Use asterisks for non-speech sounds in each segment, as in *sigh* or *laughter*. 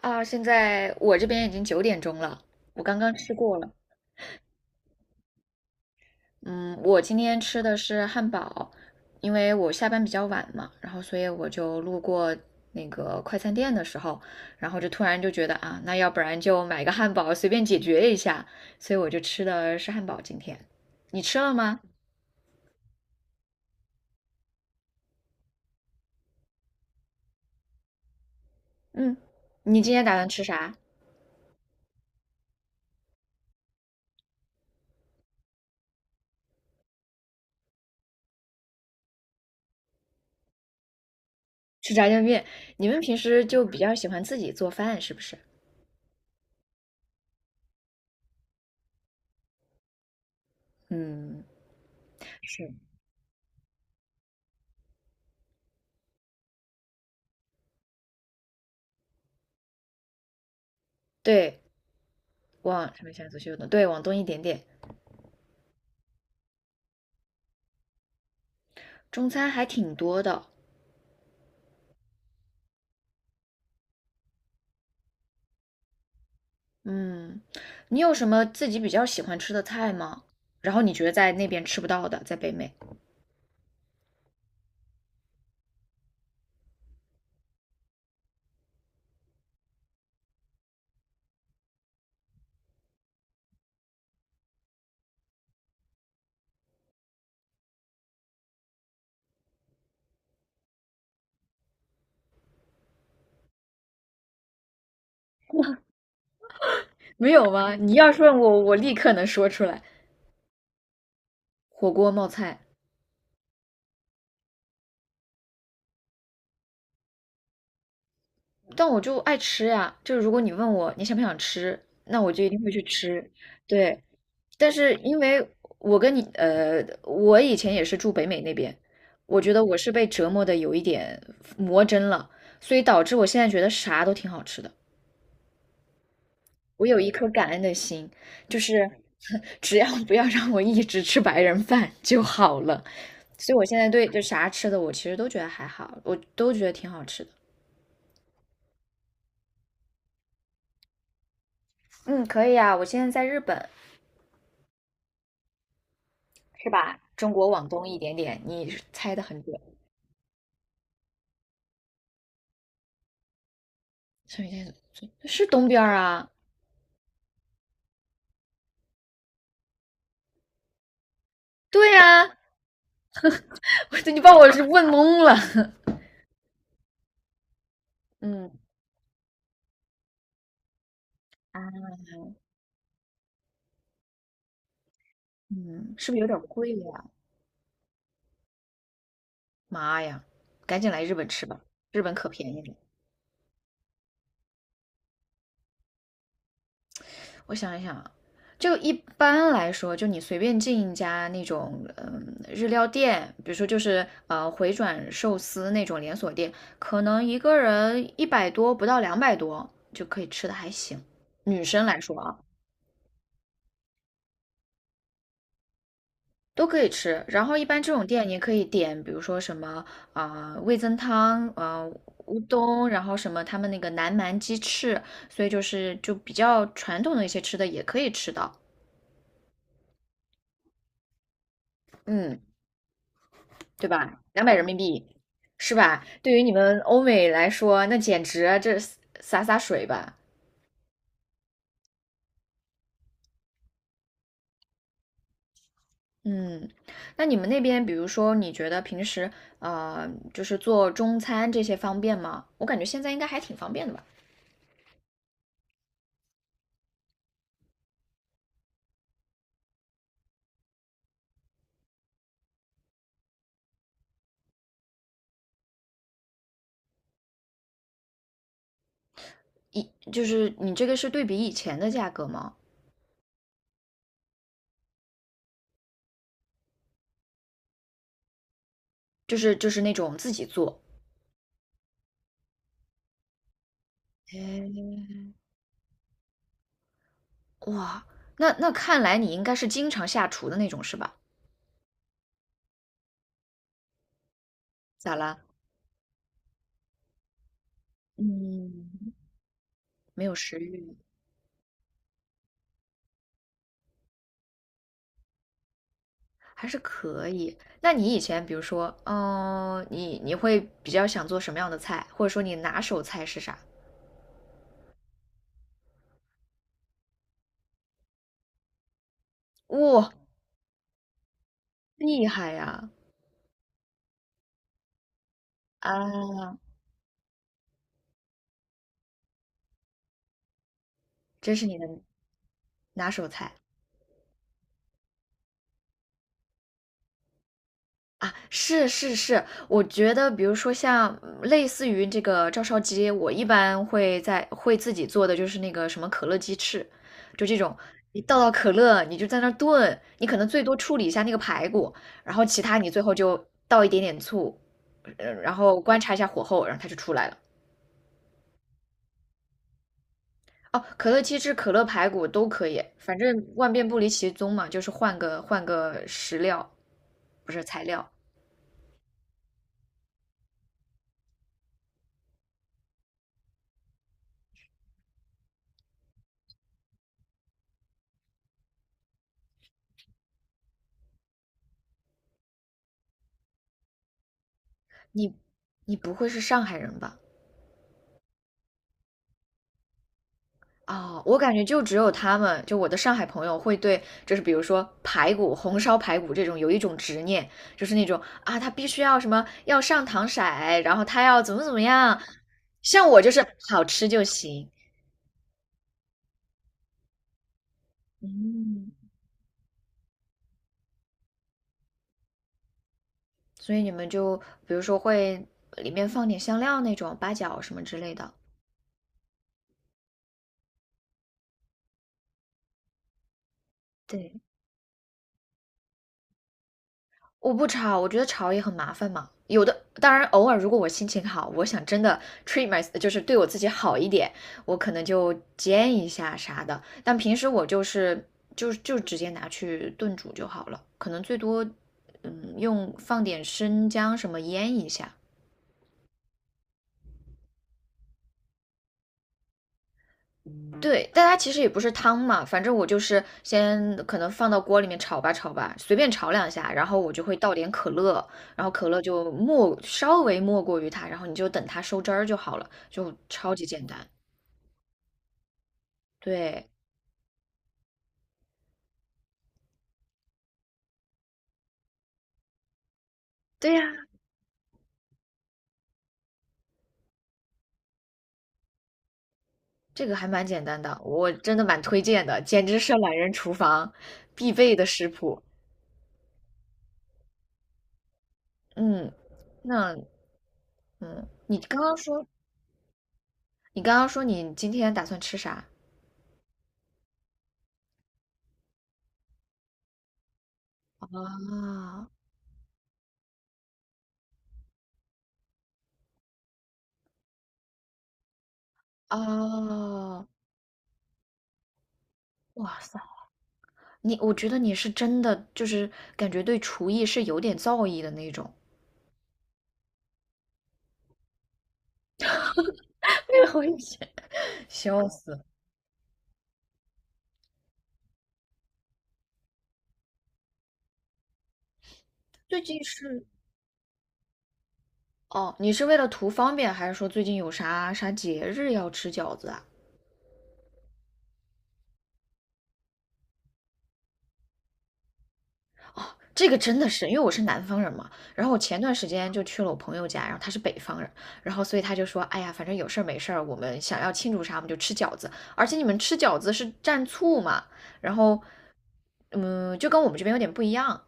啊，现在我这边已经9点钟了，我刚刚吃过了。嗯，我今天吃的是汉堡，因为我下班比较晚嘛，然后所以我就路过那个快餐店的时候，然后就突然就觉得啊，那要不然就买个汉堡随便解决一下，所以我就吃的是汉堡。今天你吃了吗？嗯，你今天打算吃啥？吃炸酱面。你们平时就比较喜欢自己做饭是不是？嗯，是。对，往上面向左，秀挪，对，往东一点点。中餐还挺多的。嗯，你有什么自己比较喜欢吃的菜吗？然后你觉得在那边吃不到的，在北美没有吗？你要是问我，我立刻能说出来。火锅冒菜，但我就爱吃呀。就是如果你问我你想不想吃，那我就一定会去吃。对，但是因为我跟你我以前也是住北美那边，我觉得我是被折磨的有一点魔怔了，所以导致我现在觉得啥都挺好吃的。我有一颗感恩的心，就是 *laughs* 只要不要让我一直吃白人饭就好了。所以我现在对就啥吃的，我其实都觉得还好，我都觉得挺好吃的。嗯，可以啊，我现在在日本，是吧？中国往东一点点，你猜的很准。上一在是东边儿啊？对呀、啊，*laughs* 我你把我是问懵了。*laughs* 嗯啊，嗯，是不是有点贵呀？妈呀，赶紧来日本吃吧，日本可便宜了。我想一想啊，就一般来说，就你随便进一家那种嗯日料店，比如说就是回转寿司那种连锁店，可能一个人100多不到200多就可以吃的还行。女生来说啊，都可以吃。然后一般这种店你可以点，比如说什么啊、味增汤，乌冬，然后什么他们那个南蛮鸡翅，所以就是就比较传统的一些吃的也可以吃到。嗯，对吧？两百人民币，是吧？对于你们欧美来说，那简直啊这洒洒水吧。嗯，那你们那边，比如说，你觉得平时呃，就是做中餐这些方便吗？我感觉现在应该还挺方便的吧。以就是你这个是对比以前的价格吗？就是就是那种自己做。哎，哇，那那看来你应该是经常下厨的那种是吧？咋啦？嗯，没有食欲。还是可以。那你以前比如说，嗯、你你会比较想做什么样的菜，或者说你拿手菜是啥？哇、厉害呀！啊，这是你的拿手菜。啊，是是是，我觉得比如说像嗯类似于这个照烧鸡，我一般会在会自己做的就是那个什么可乐鸡翅，就这种，你倒倒可乐，你就在那儿炖，你可能最多处理一下那个排骨，然后其他你最后就倒一点点醋，然后观察一下火候，然后它就出来了。哦，可乐鸡翅、可乐排骨都可以，反正万变不离其宗嘛，就是换个换个食料，不是材料。你你不会是上海人吧？啊、我感觉就只有他们，就我的上海朋友会对，就是比如说排骨、红烧排骨这种有一种执念，就是那种啊，他必须要什么要上糖色，然后他要怎么怎么样。像我就是好吃就行。嗯，所以你们就比如说会里面放点香料那种八角什么之类的。对。我不炒，我觉得炒也很麻烦嘛。有的，当然偶尔如果我心情好，我想真的 treat my,就是对我自己好一点，我可能就煎一下啥的。但平时我就是就就直接拿去炖煮就好了，可能最多嗯用放点生姜什么腌一下。对，但它其实也不是汤嘛，反正我就是先可能放到锅里面炒吧炒吧，随便炒两下，然后我就会倒点可乐，然后可乐就没稍微没过于它，然后你就等它收汁儿就好了，就超级简单。对，对呀，这个还蛮简单的，我真的蛮推荐的，简直是懒人厨房必备的食谱。嗯，那嗯，你刚刚说你今天打算吃啥？啊啊，哇塞！你我觉得你是真的就是感觉对厨艺是有点造诣的那种，*laughs* 我以前 *laughs* 笑死！最近是哦，你是为了图方便，还是说最近有啥啥节日要吃饺子啊？这个真的是，因为我是南方人嘛，然后我前段时间就去了我朋友家，然后他是北方人，然后所以他就说，哎呀，反正有事儿没事儿，我们想要庆祝啥，我们就吃饺子，而且你们吃饺子是蘸醋嘛，然后，嗯，就跟我们这边有点不一样，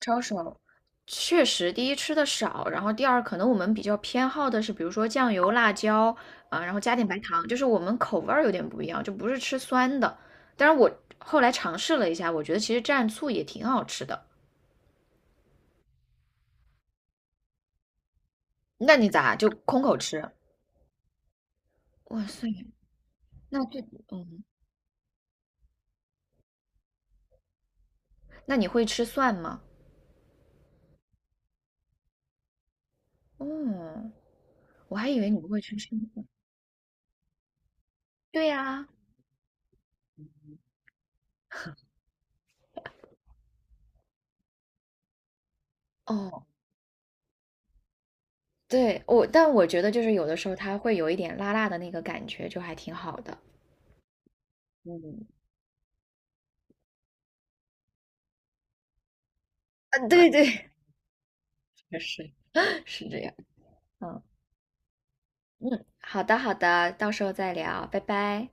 抄手。确实，第一吃的少，然后第二可能我们比较偏好的是，比如说酱油、辣椒啊，然后加点白糖，就是我们口味儿有点不一样，就不是吃酸的。但是我后来尝试了一下，我觉得其实蘸醋也挺好吃的。那你咋就空口吃？哇塞，那这嗯，那你会吃蒜吗？嗯，我还以为你不会吃生蒜。对呀，哦，对，我，但我觉得就是有的时候它会有一点辣辣的那个感觉，就还挺好的。嗯，啊，对对，*laughs* 确实。是这样。嗯嗯，好的好的，到时候再聊，拜拜。